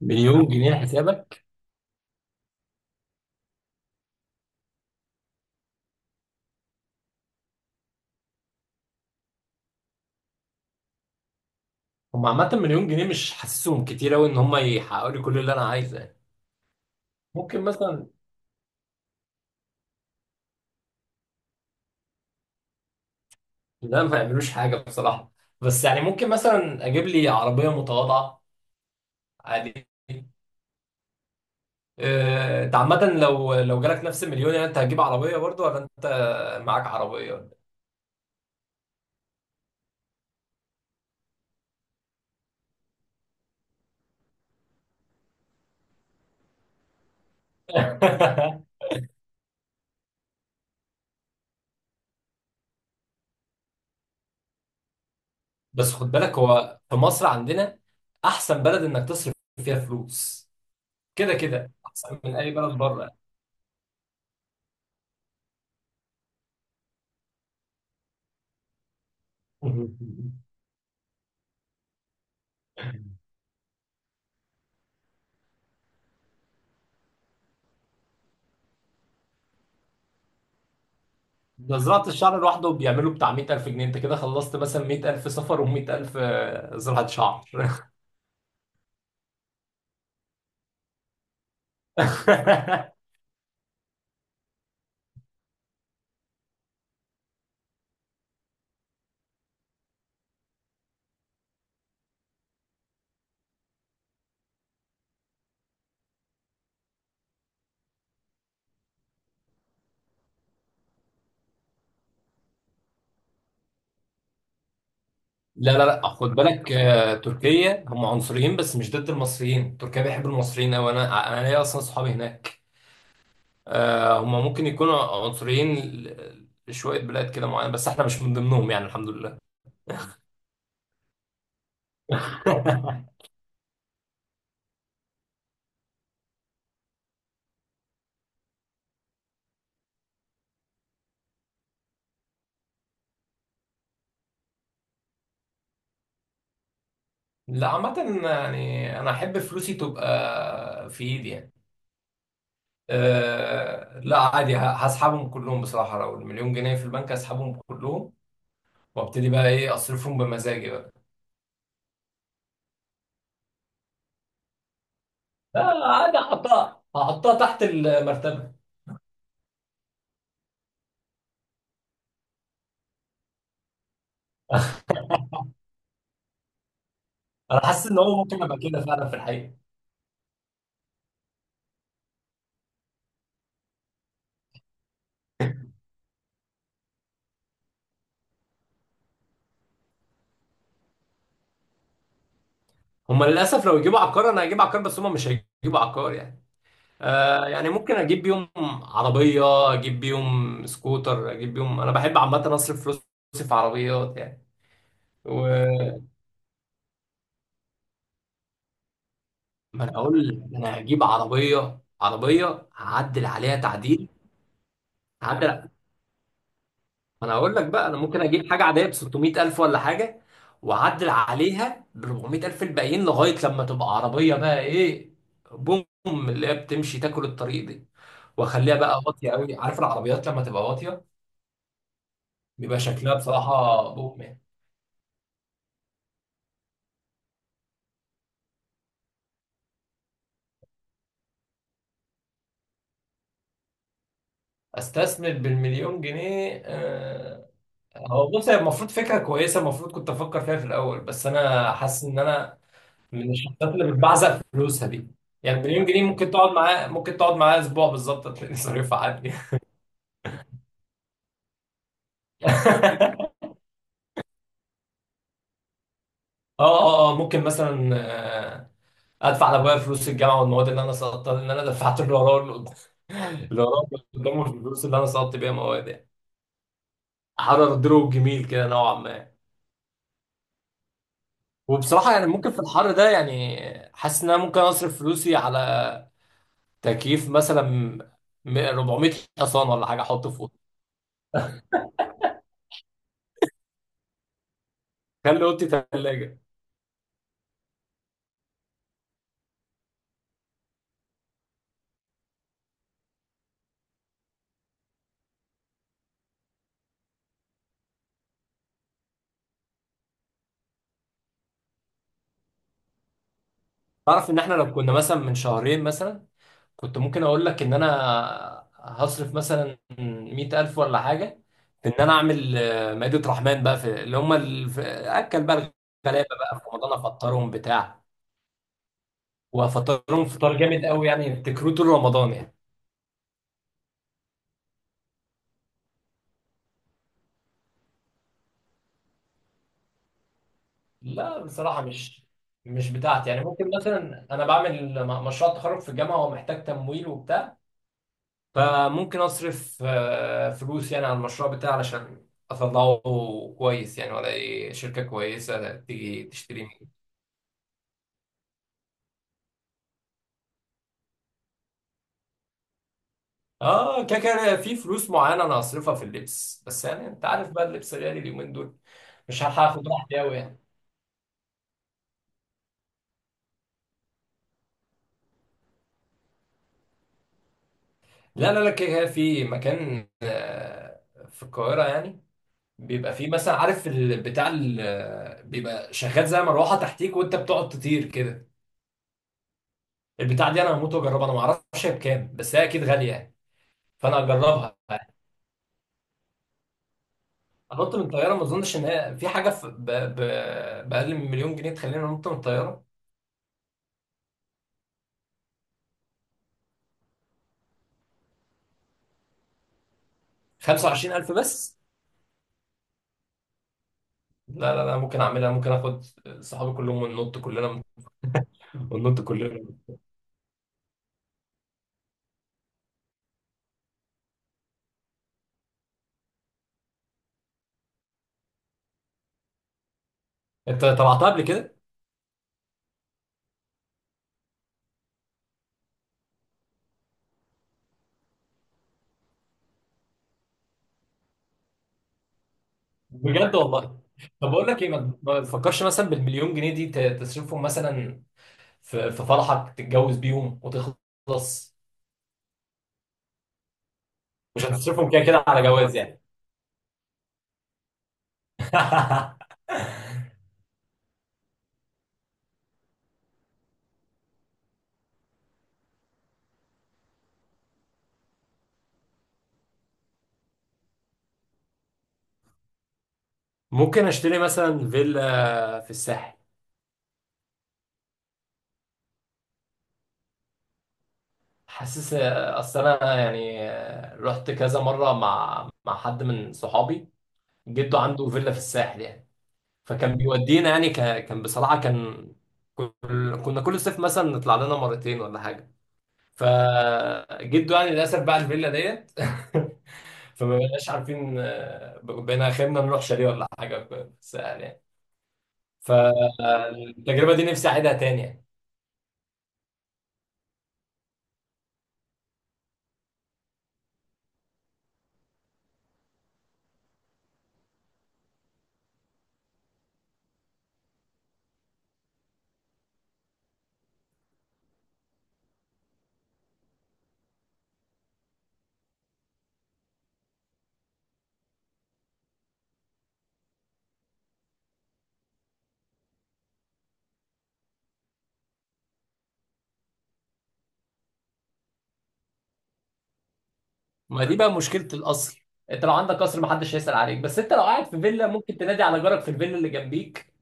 مليون جنيه حسابك؟ هم عامة، مليون جنيه مش حاسسهم كتير أوي إن هم يحققوا لي كل اللي أنا عايزه يعني. ممكن مثلا. لا، ما يعملوش حاجة بصراحة. بس يعني ممكن مثلا أجيب لي عربية متواضعة. عادي. أنت عامة، لو جالك نفس المليون، يعني أنت هتجيب عربية برضو ولا أنت معاك عربية ولا إيه؟ بس خد بالك، هو في مصر عندنا أحسن بلد إنك تصرف فيها فلوس. كده كده أحسن من أي بلد بره. ده زراعة الشعر لوحده بيعملوا بتاع 100000 جنيه. انت كده خلصت مثلا 100000 سفر و100000 زراعة شعر. لا لا لا، خد بالك، تركيا هم عنصريين بس مش ضد المصريين. تركيا بيحب المصريين أوي. أنا ليا أصلا صحابي هناك. هم ممكن يكونوا عنصريين لشوية بلاد كده معينة، بس احنا مش من ضمنهم يعني. الحمد لله. لا، عامة يعني أنا أحب فلوسي تبقى في إيدي يعني. آه، لا عادي، هسحبهم كلهم بصراحة. لو المليون جنيه في البنك هسحبهم كلهم، وابتدي بقى ايه، اصرفهم بمزاجي بقى. لا، عادي، هحطها تحت المرتبة. انا حاسس ان هو ممكن ابقى كده فعلا في الحقيقة. هما للاسف لو يجيبوا عقار انا هجيب عقار، بس هما مش هيجيبوا عقار يعني. آه، يعني ممكن اجيب بيهم عربية، اجيب بيهم سكوتر، اجيب بيهم، انا بحب عامة اصرف فلوسي في عربيات يعني. و ما انا اقول لك، انا هجيب عربية هعدل عليها تعديل. هعدل. انا هقول لك بقى، انا ممكن اجيب حاجه عاديه ب 600000 ولا حاجه، واعدل عليها ب 400000، الباقيين لغايه لما تبقى عربيه بقى ايه، بوم اللي هي بتمشي تاكل الطريق دي. واخليها بقى واطيه قوي، عارف العربيات لما تبقى واطيه بيبقى شكلها بصراحه بوم يعني. استثمر بالمليون جنيه؟ هو بص، هي المفروض فكره كويسه، المفروض كنت افكر فيها في الاول، بس انا حاسس ان انا من الشخصيات اللي بتبعزق فلوسها دي. يعني مليون جنيه ممكن تقعد معاه اسبوع بالظبط هتلاقي صريفها عادي. اه، اه، اه، ممكن مثلا آه، ادفع لابويا فلوس الجامعه والمواد اللي انا سقطتها لان انا دفعت اللي وراه واللي قدامه الفلوس اللي انا سقطت بيها مواد يعني. حر دروب جميل كده نوعا ما. وبصراحه يعني، ممكن في الحر ده يعني، حاسس ان انا ممكن اصرف فلوسي على تكييف مثلا، 400 حصان ولا حاجه احطه فوق. خلي اوضتي ثلاجه. تعرف ان احنا لو كنا مثلا من شهرين مثلا، كنت ممكن اقول لك ان انا هصرف مثلا 100000 ولا حاجة في ان انا اعمل مائدة رحمن بقى في اللي هم اكل بقى الغلابة بقى في رمضان، افطرهم بتاع. وافطرهم فطار جامد قوي يعني، يفتكروه طول رمضان يعني. لا بصراحة، مش بتاعتي يعني. ممكن مثلا انا بعمل مشروع تخرج في الجامعة ومحتاج تمويل وبتاع. فممكن أصرف فلوس يعني على المشروع بتاعي علشان أطلعه كويس يعني، ولا أي شركة كويسة تيجي تشتري مني. آه، كده كده في فلوس معينة أنا هصرفها في اللبس، بس يعني أنت عارف بقى اللبس غالي اليومين دول. مش هلحق آخد راحتي أوي يعني. لا لا لا، كده كده في مكان في القاهرة يعني، بيبقى فيه مثلا، عارف بتاع بيبقى شغال زي مروحة تحتيك وأنت بتقعد تطير كده. البتاع دي أنا هموت وأجربها، أنا معرفش هي بكام بس هي أكيد غالية يعني. فانا هجربها. انط من الطياره؟ ما اظنش ان هي في حاجه في باقل من مليون جنيه تخليني انط من الطياره. 25000 بس؟ لا لا لا، ممكن اعملها، ممكن اخد صحابي كلهم وننط كلنا وننط كلنا. انت طلعتها قبل كده؟ بجد والله. طب اقول لك ايه، ما تفكرش مثلا بالمليون جنيه دي تصرفهم مثلا في فرحك، تتجوز بيهم وتخلص. مش هتصرفهم كده كده على جواز يعني؟ ممكن اشتري مثلا فيلا في الساحل. حاسس اصل انا يعني، رحت كذا مره مع حد من صحابي جده عنده فيلا في الساحل يعني. فكان بيودينا يعني، كان بصراحه كان كل... كنا كل صيف مثلا نطلع لنا مرتين ولا حاجه. فجده يعني للاسف باع الفيلا ديت. فما بقناش عارفين، بقينا اخرنا نروح شاليه ولا حاجه في الساحل يعني. فالتجربه دي نفسي اعيدها تاني يعني. ما دي بقى مشكله القصر، انت لو عندك قصر محدش هيسال عليك، بس انت لو قاعد في فيلا ممكن تنادي على جارك في الفيلا اللي جنبيك.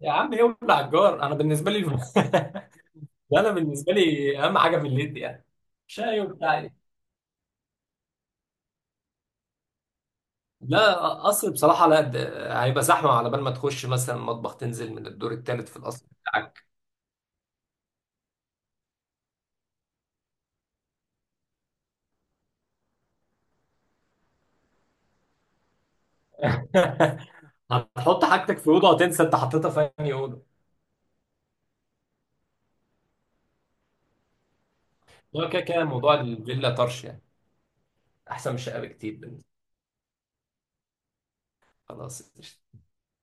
يا عم، يولع الجار، انا بالنسبه لي. انا بالنسبه لي اهم حاجه في الليل دي يعني شاي وبتاع إيه. لا، قصر بصراحه لا، ده هيبقى زحمه على بال ما تخش مثلا مطبخ تنزل من الدور الثالث في القصر بتاعك. هتحط حاجتك في اوضه وتنسى انت حطيتها في انهي اوضه. لا، كده كده موضوع الفيلا طرش يعني. احسن من الشقه بكتير بالنسبة لي. خلاص.